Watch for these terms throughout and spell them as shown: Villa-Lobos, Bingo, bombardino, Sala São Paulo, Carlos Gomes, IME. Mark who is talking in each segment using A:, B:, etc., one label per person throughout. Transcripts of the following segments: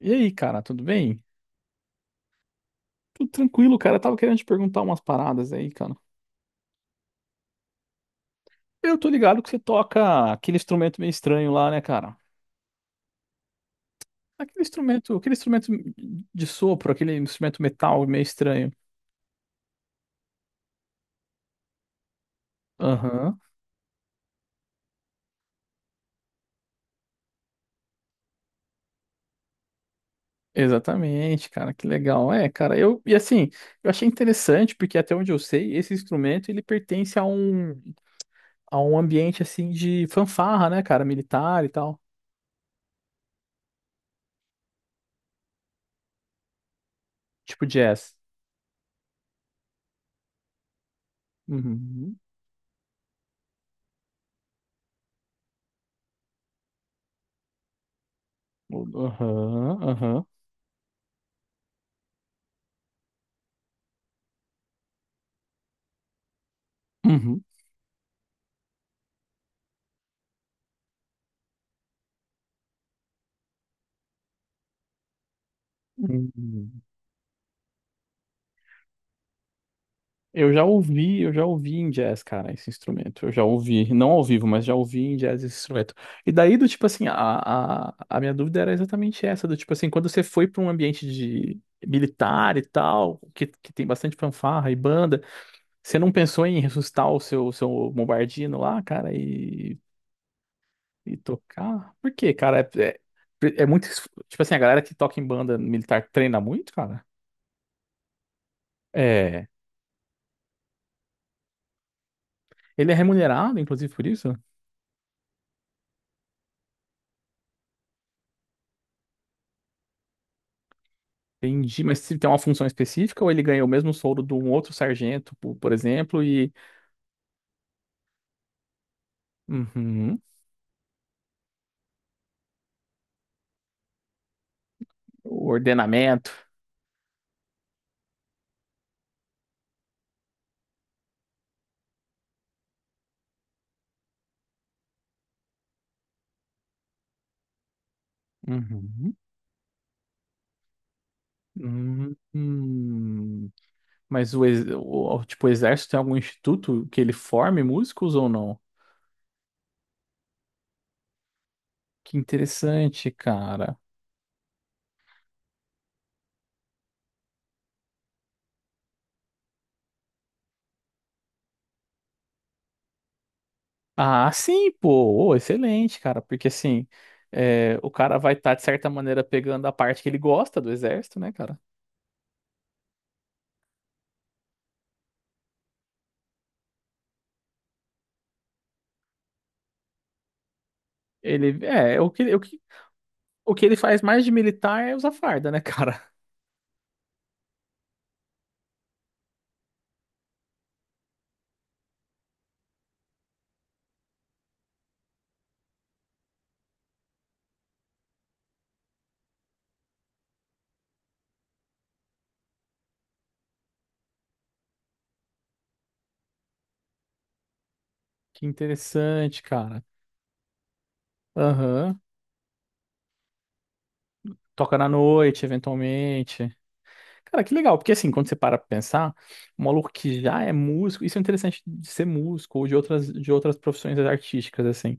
A: E aí, cara, tudo bem? Tudo tranquilo, cara. Eu tava querendo te perguntar umas paradas aí, cara. Eu tô ligado que você toca aquele instrumento meio estranho lá, né, cara? Aquele instrumento de sopro, aquele instrumento metal meio estranho. Aham. Exatamente, cara, que legal. É, cara, eu e assim, eu achei interessante porque até onde eu sei, esse instrumento ele pertence a um ambiente assim de fanfarra, né, cara, militar e tal, tipo jazz. Uhum. Aham, aham. Uhum. Uhum. Eu já ouvi em jazz, cara, esse instrumento. Eu já ouvi, não ao vivo, mas já ouvi em jazz esse instrumento. E daí, do tipo assim, a minha dúvida era exatamente essa, do tipo assim, quando você foi para um ambiente de militar e tal, que tem bastante fanfarra e banda, você não pensou em ressuscitar o seu bombardino lá, cara, e tocar? Por quê, cara? É muito, tipo assim, a galera que toca em banda militar treina muito, cara? É. Ele é remunerado, inclusive, por isso? Entendi, mas se tem uma função específica ou ele ganha o mesmo soldo de um outro sargento, por exemplo, e Uhum. o ordenamento. Uhum. Hum, hum. Tipo, o exército tem algum instituto que ele forme músicos ou não? Que interessante, cara. Ah, sim, pô, ô, excelente, cara, porque assim, é, o cara vai estar, de certa maneira, pegando a parte que ele gosta do exército, né, cara? Ele, é, é o que, o que O que ele faz mais de militar é usar farda, né, cara? Que interessante, cara. Aham. Toca na noite, eventualmente. Cara, que legal, porque assim, quando você para pra pensar, um maluco que já é músico, isso é interessante de ser músico ou de outras profissões artísticas, assim.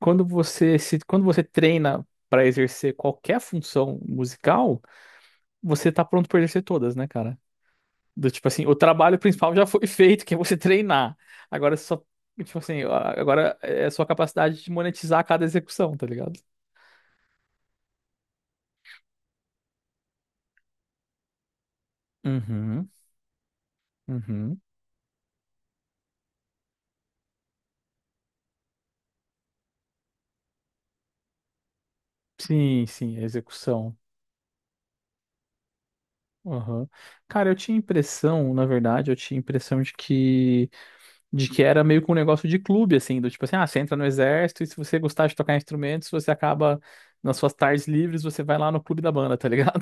A: Quando você se, quando você treina pra exercer qualquer função musical, você tá pronto pra exercer todas, né, cara? Do tipo assim, o trabalho principal já foi feito, que é você treinar. Agora é só, tipo assim, agora é a sua capacidade de monetizar cada execução, tá ligado? Uhum, uhum. Sim, sim, a execução. Aham. Cara, eu tinha impressão, na verdade, eu tinha impressão de que era meio que um negócio de clube, assim, do tipo assim, ah, você entra no exército e se você gostar de tocar instrumentos, você acaba nas suas tardes livres, você vai lá no clube da banda, tá ligado?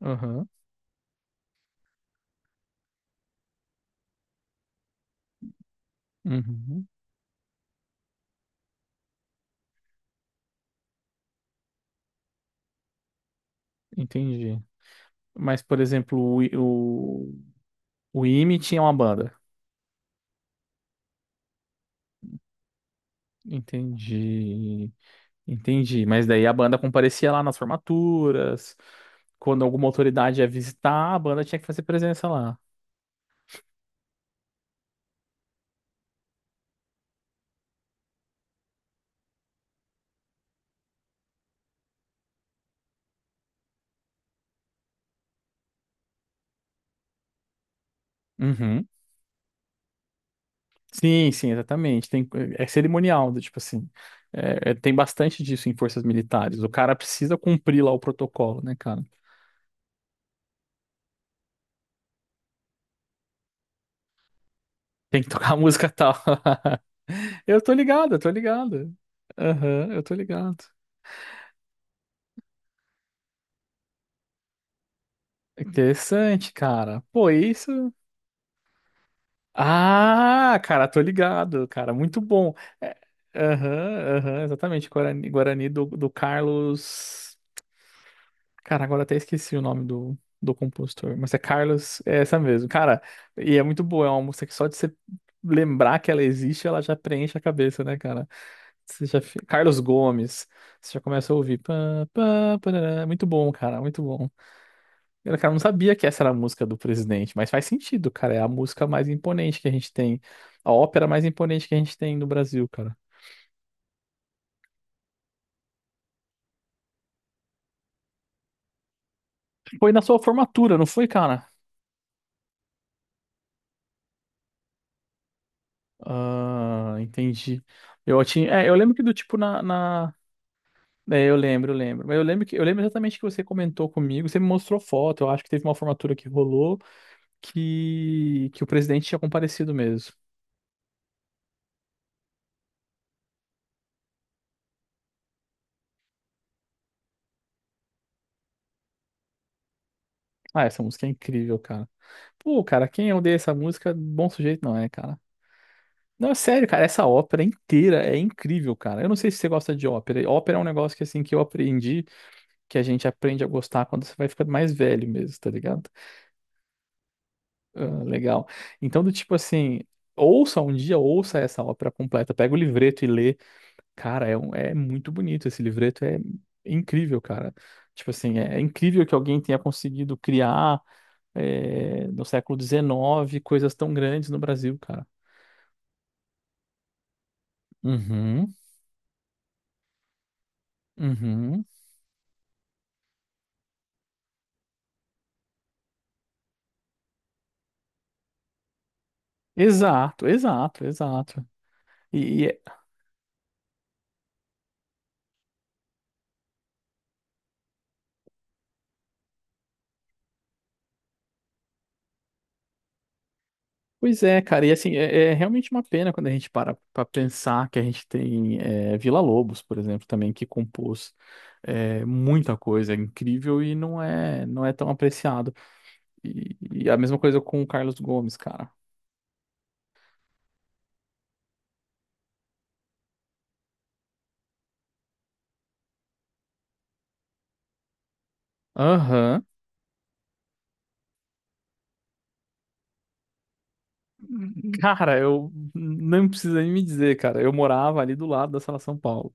A: Aham. Uhum. Entendi. Mas, por exemplo, o, o IME tinha uma banda. Entendi. Entendi. Mas daí a banda comparecia lá nas formaturas. Quando alguma autoridade ia visitar, a banda tinha que fazer presença lá. Uhum. Sim, sim, exatamente. É cerimonial, do tipo assim. Tem bastante disso em forças militares. O cara precisa cumprir lá o protocolo, né, cara? Tem que tocar música tal. Eu tô ligado, eu tô ligado. Aham, eu tô ligado. Interessante, cara. Pô, isso. Ah, cara, tô ligado, cara, muito bom. É, aham, aham, exatamente, Guarani, Guarani do Carlos. Cara, agora até esqueci o nome do compositor, mas é Carlos, é essa mesmo, cara, e é muito boa, é uma música que só de você lembrar que ela existe, ela já preenche a cabeça, né, cara? Carlos Gomes, você já começa a ouvir. Pá, pá, parará, muito bom, cara, muito bom. Eu, cara, não sabia que essa era a música do presidente, mas faz sentido, cara. É a música mais imponente que a gente tem. A ópera mais imponente que a gente tem no Brasil, cara. Foi na sua formatura, não foi, cara? Ah, entendi. Eu tinha. É, eu lembro que do tipo na... É, eu lembro, eu lembro. Mas eu lembro exatamente que você comentou comigo, você me mostrou foto. Eu acho que teve uma formatura que rolou que o presidente tinha comparecido mesmo. Ah, essa música é incrível, cara. Pô, cara, quem odeia essa música, bom sujeito não é, cara. Não, é sério, cara, essa ópera inteira é incrível, cara. Eu não sei se você gosta de ópera. Ópera é um negócio que, assim, que eu aprendi, que a gente aprende a gostar quando você vai ficando mais velho mesmo, tá ligado? Ah, legal. Então, do tipo assim, ouça um dia, ouça essa ópera completa, pega o livreto e lê. Cara, é muito bonito esse livreto, é incrível, cara. Tipo assim, é incrível que alguém tenha conseguido criar, no século XIX, coisas tão grandes no Brasil, cara. Uhum, uhum. Exato, exato, exato. E, e é- pois é, cara, e assim, é realmente uma pena quando a gente para para pensar que a gente tem é, Villa-Lobos, por exemplo, também, que compôs é, muita coisa é incrível e não é tão apreciado. E, e a mesma coisa com o Carlos Gomes, cara. Aham. Cara, eu não precisa nem me dizer, cara. Eu morava ali do lado da Sala São Paulo.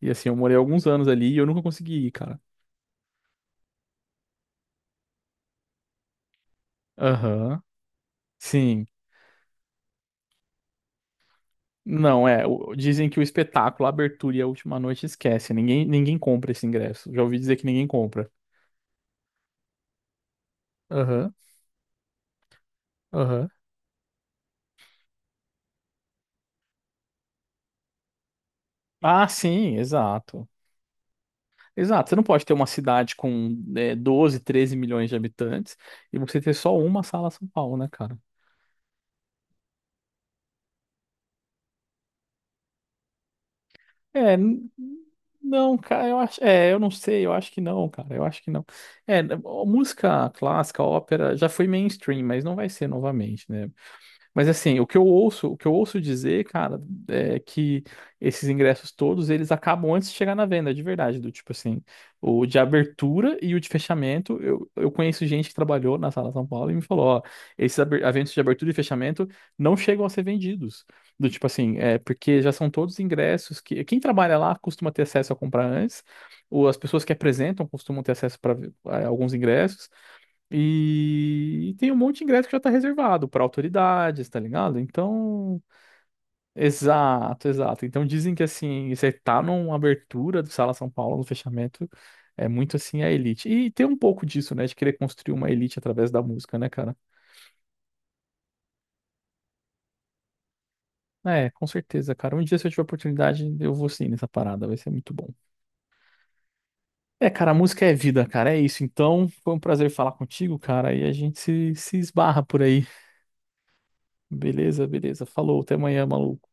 A: E assim, eu morei alguns anos ali e eu nunca consegui ir, cara. Aham. Sim. Não, é. Dizem que o espetáculo, a abertura e a última noite esquece. Ninguém, ninguém compra esse ingresso. Já ouvi dizer que ninguém compra. Aham, aham. Ah, sim, exato. Exato. Você não pode ter uma cidade com 12, 13 milhões de habitantes e você ter só uma Sala São Paulo, né, cara? É, não, cara, eu acho, é, eu não sei, eu acho que não, cara, eu acho que não. É, música clássica, a ópera, já foi mainstream, mas não vai ser novamente, né? Mas assim, o que eu ouço, o que eu ouço dizer, cara, é que esses ingressos todos, eles acabam antes de chegar na venda, de verdade, do tipo assim, o de abertura e o de fechamento, eu conheço gente que trabalhou na Sala São Paulo e me falou, ó, esses eventos de abertura e fechamento não chegam a ser vendidos. Do tipo assim, é porque já são todos ingressos que quem trabalha lá costuma ter acesso a comprar antes, ou as pessoas que apresentam costumam ter acesso para alguns ingressos. E tem um monte de ingresso que já tá reservado para autoridades, tá ligado? Então, exato, exato. Então dizem que assim, você tá numa abertura do Sala São Paulo, no fechamento, é muito assim a elite. E tem um pouco disso, né, de querer construir uma elite através da música, né, cara? É, com certeza, cara. Um dia se eu tiver oportunidade, eu vou sim nessa parada, vai ser muito bom. É, cara, a música é vida, cara. É isso. Então, foi um prazer falar contigo, cara, e a gente se esbarra por aí. Beleza, beleza. Falou, até amanhã, maluco.